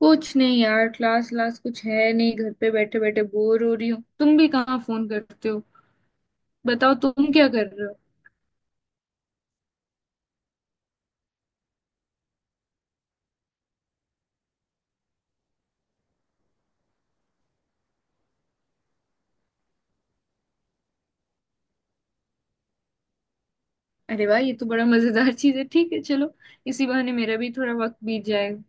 कुछ नहीं यार। क्लास क्लास कुछ है नहीं, घर पे बैठे बैठे बोर हो रही हूँ। तुम भी कहाँ फोन करते हो? बताओ तुम क्या कर रहे हो? अरे वाह, ये तो बड़ा मजेदार चीज है। ठीक है, चलो। इसी बहाने मेरा भी थोड़ा वक्त बीत जाएगा।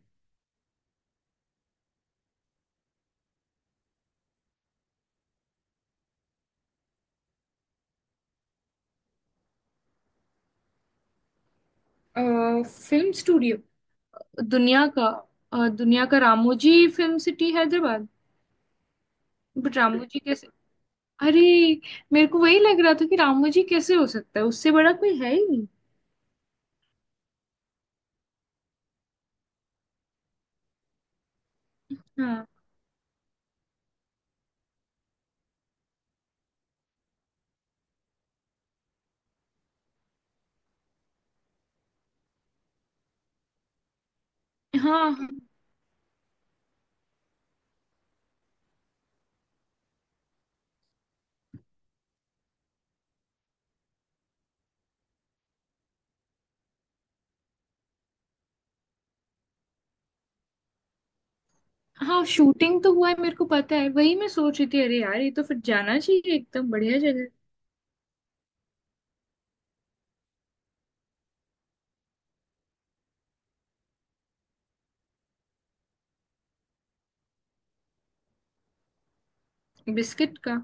Film studio. दुनिया का। दुनिया का Ramoji film city Hyderabad. But Ramoji कैसे? अरे, मेरे को वही लग रहा था कि रामोजी कैसे हो सकता है, उससे बड़ा कोई है ही नहीं। हाँ, हाँ, हाँ शूटिंग तो हुआ है, मेरे को पता है। वही मैं सोच रही थी, अरे यार, ये तो फिर जाना चाहिए, एकदम बढ़िया जगह। बिस्किट का।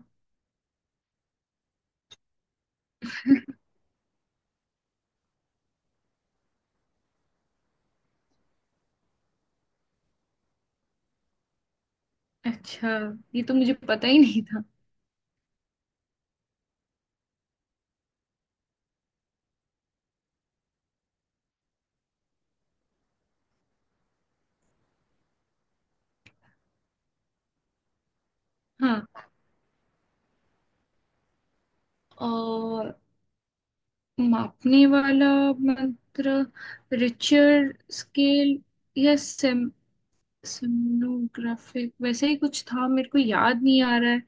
अच्छा, ये तो मुझे पता ही नहीं था। हाँ। और मापने वाला मंत्र? रिचर स्केल या सेमनोग्राफिक वैसे ही कुछ था, मेरे को याद नहीं आ रहा है। अ,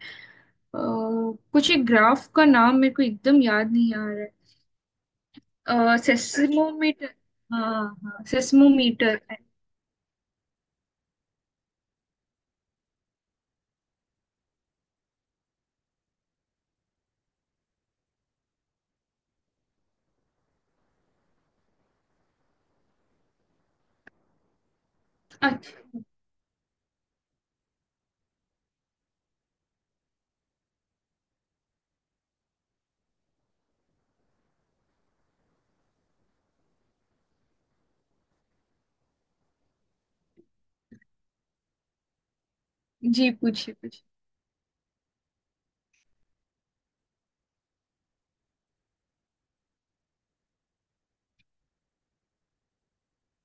कुछ एक ग्राफ का नाम मेरे को एकदम याद नहीं आ रहा है। सेस्मोमीटर। हाँ, हाँ, सेस्मोमीटर। अच्छा। जी पूछिए पूछिए।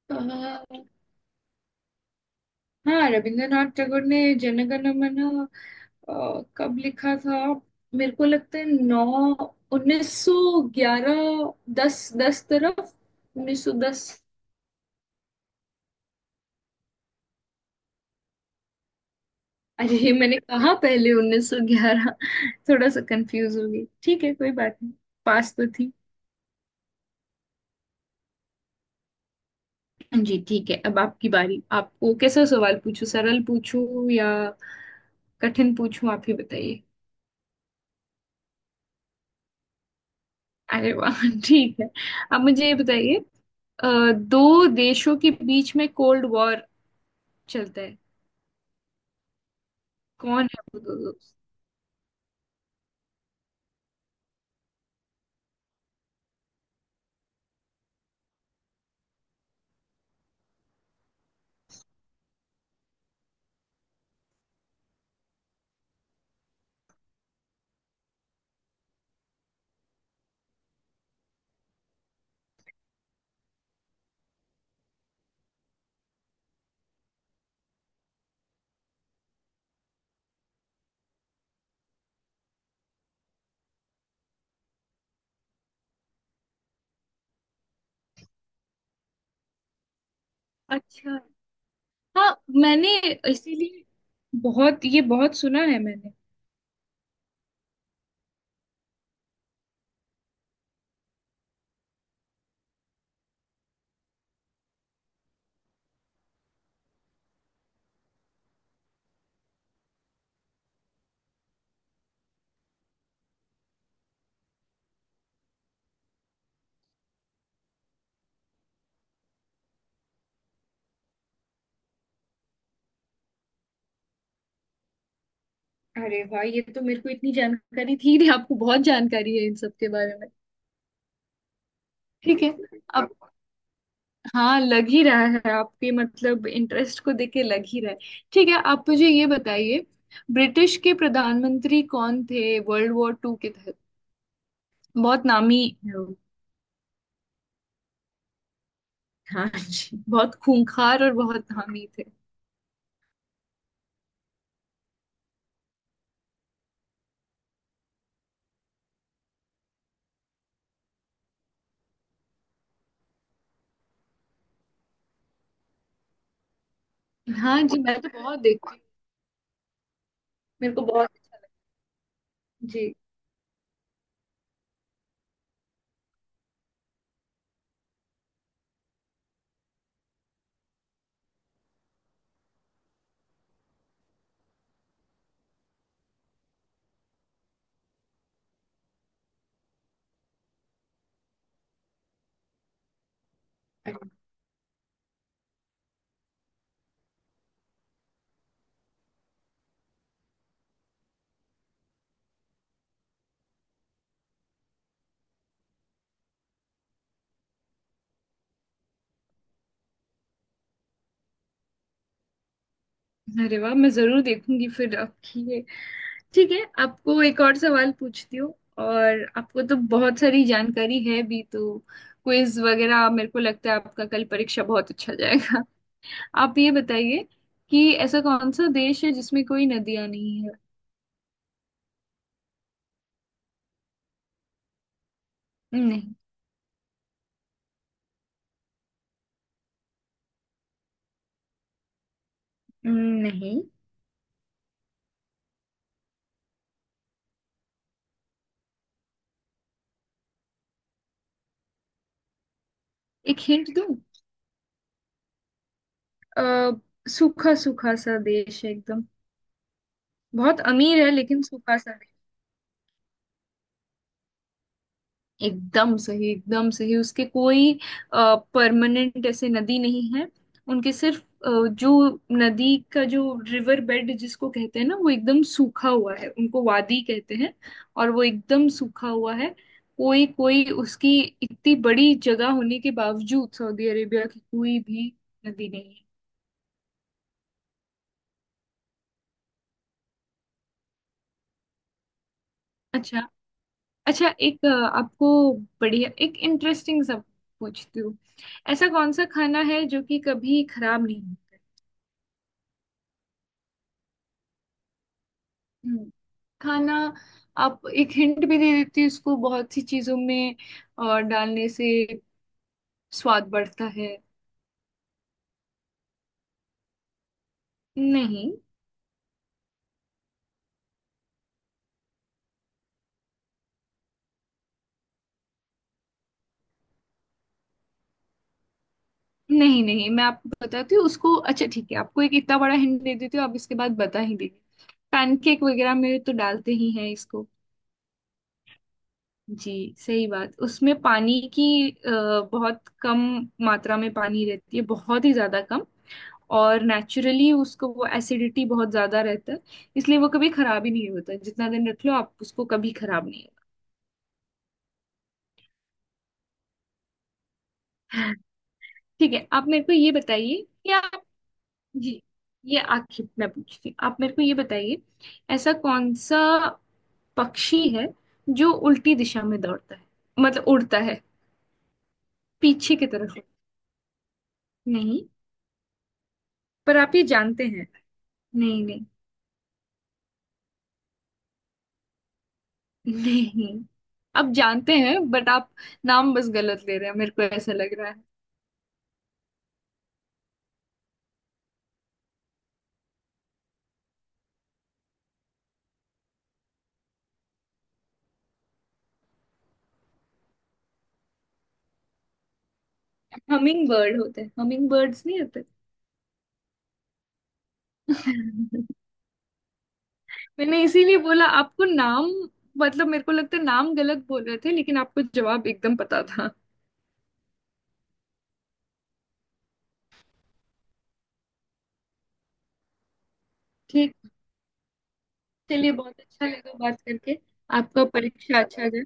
अ, हाँ, रविंद्रनाथ टैगोर ने जनगणमन कब लिखा था? मेरे को लगता है नौ 1911। दस दस तरफ, 1910। अरे, ये मैंने कहा पहले 1911। थोड़ा सा कंफ्यूज हो गई, ठीक है कोई बात नहीं। पास तो थी। जी ठीक है, अब आपकी बारी। आपको कैसा सवाल पूछूं, सरल पूछूं या कठिन पूछूं? आप ही बताइए। अरे वाह ठीक है। अब मुझे ये बताइए, दो देशों के बीच में कोल्ड वॉर चलता है, कौन है वो दो दोस्त? अच्छा। हाँ, मैंने इसीलिए बहुत, ये बहुत सुना है मैंने। अरे वाह, ये तो मेरे को इतनी जानकारी थी नहीं, आपको बहुत जानकारी है इन सब के बारे में। ठीक है। अब हाँ, लग ही रहा है, आपके मतलब इंटरेस्ट को देख के लग ही रहा है। ठीक है, आप मुझे ये बताइए, ब्रिटिश के प्रधानमंत्री कौन थे वर्ल्ड वॉर टू के तहत? बहुत नामी। हाँ जी, बहुत खूंखार और बहुत हामी थे। हाँ जी, मैं तो बहुत देखती हूँ। मेरे को बहुत अच्छा। जी। अरे वाह, मैं जरूर देखूंगी फिर आपकी ये। ठीक है, आपको एक और सवाल पूछती हूँ। और आपको तो बहुत सारी जानकारी है भी तो। क्विज वगैरह, मेरे को लगता है आपका कल परीक्षा बहुत अच्छा जाएगा। आप ये बताइए कि ऐसा कौन सा देश है जिसमें कोई नदियां नहीं है? नहीं, नहीं। एक हिंट दूँ? अ, सूखा सूखा सा देश है एकदम। बहुत अमीर है, लेकिन सूखा सा नहीं। एकदम सही, एकदम सही। उसके कोई परमानेंट ऐसे नदी नहीं है। उनके सिर्फ जो नदी का, जो रिवर बेड जिसको कहते हैं ना, वो एकदम सूखा हुआ है। उनको वादी कहते हैं, और वो एकदम सूखा हुआ है। कोई कोई उसकी, इतनी बड़ी जगह होने के बावजूद सऊदी अरेबिया की कोई भी नदी नहीं है। अच्छा। अच्छा, एक आपको बढ़िया एक इंटरेस्टिंग सा पूछती हूँ। ऐसा कौन सा खाना है जो कि कभी खराब नहीं होता? हम्म, खाना। आप एक हिंट भी दे देती है, इसको बहुत सी चीजों में और डालने से स्वाद बढ़ता है। नहीं। नहीं, नहीं, मैं आपको बताती हूँ उसको। अच्छा ठीक है, आपको एक इतना बड़ा हिंट दे देती हूँ, आप इसके बाद बता ही देंगे। पैनकेक वगैरह में तो डालते ही हैं इसको। जी। सही बात। उसमें पानी की बहुत कम मात्रा में पानी रहती है, बहुत ही ज्यादा कम। और नेचुरली उसको वो एसिडिटी बहुत ज्यादा रहता है। इसलिए वो कभी खराब ही नहीं होता, जितना दिन रख लो, आप उसको कभी खराब नहीं होगा। ठीक है, आप मेरे को ये बताइए कि आप। जी, ये आखिर मैं पूछती हूँ, आप मेरे को ये बताइए, ऐसा कौन सा पक्षी है जो उल्टी दिशा में दौड़ता है, मतलब उड़ता है, पीछे की तरफ? नहीं। पर आप ये जानते हैं। नहीं, नहीं, नहीं। आप जानते हैं, बट आप नाम बस गलत ले रहे हैं, मेरे को ऐसा लग रहा है। हमिंग बर्ड होते हैं, हमिंग बर्ड्स नहीं होते? मैंने इसीलिए बोला आपको, नाम मतलब मेरे को लगता है नाम गलत बोल रहे थे, लेकिन आपको जवाब एकदम पता था। ठीक। चलिए, बहुत अच्छा लगा बात करके। आपका परीक्षा अच्छा जाए।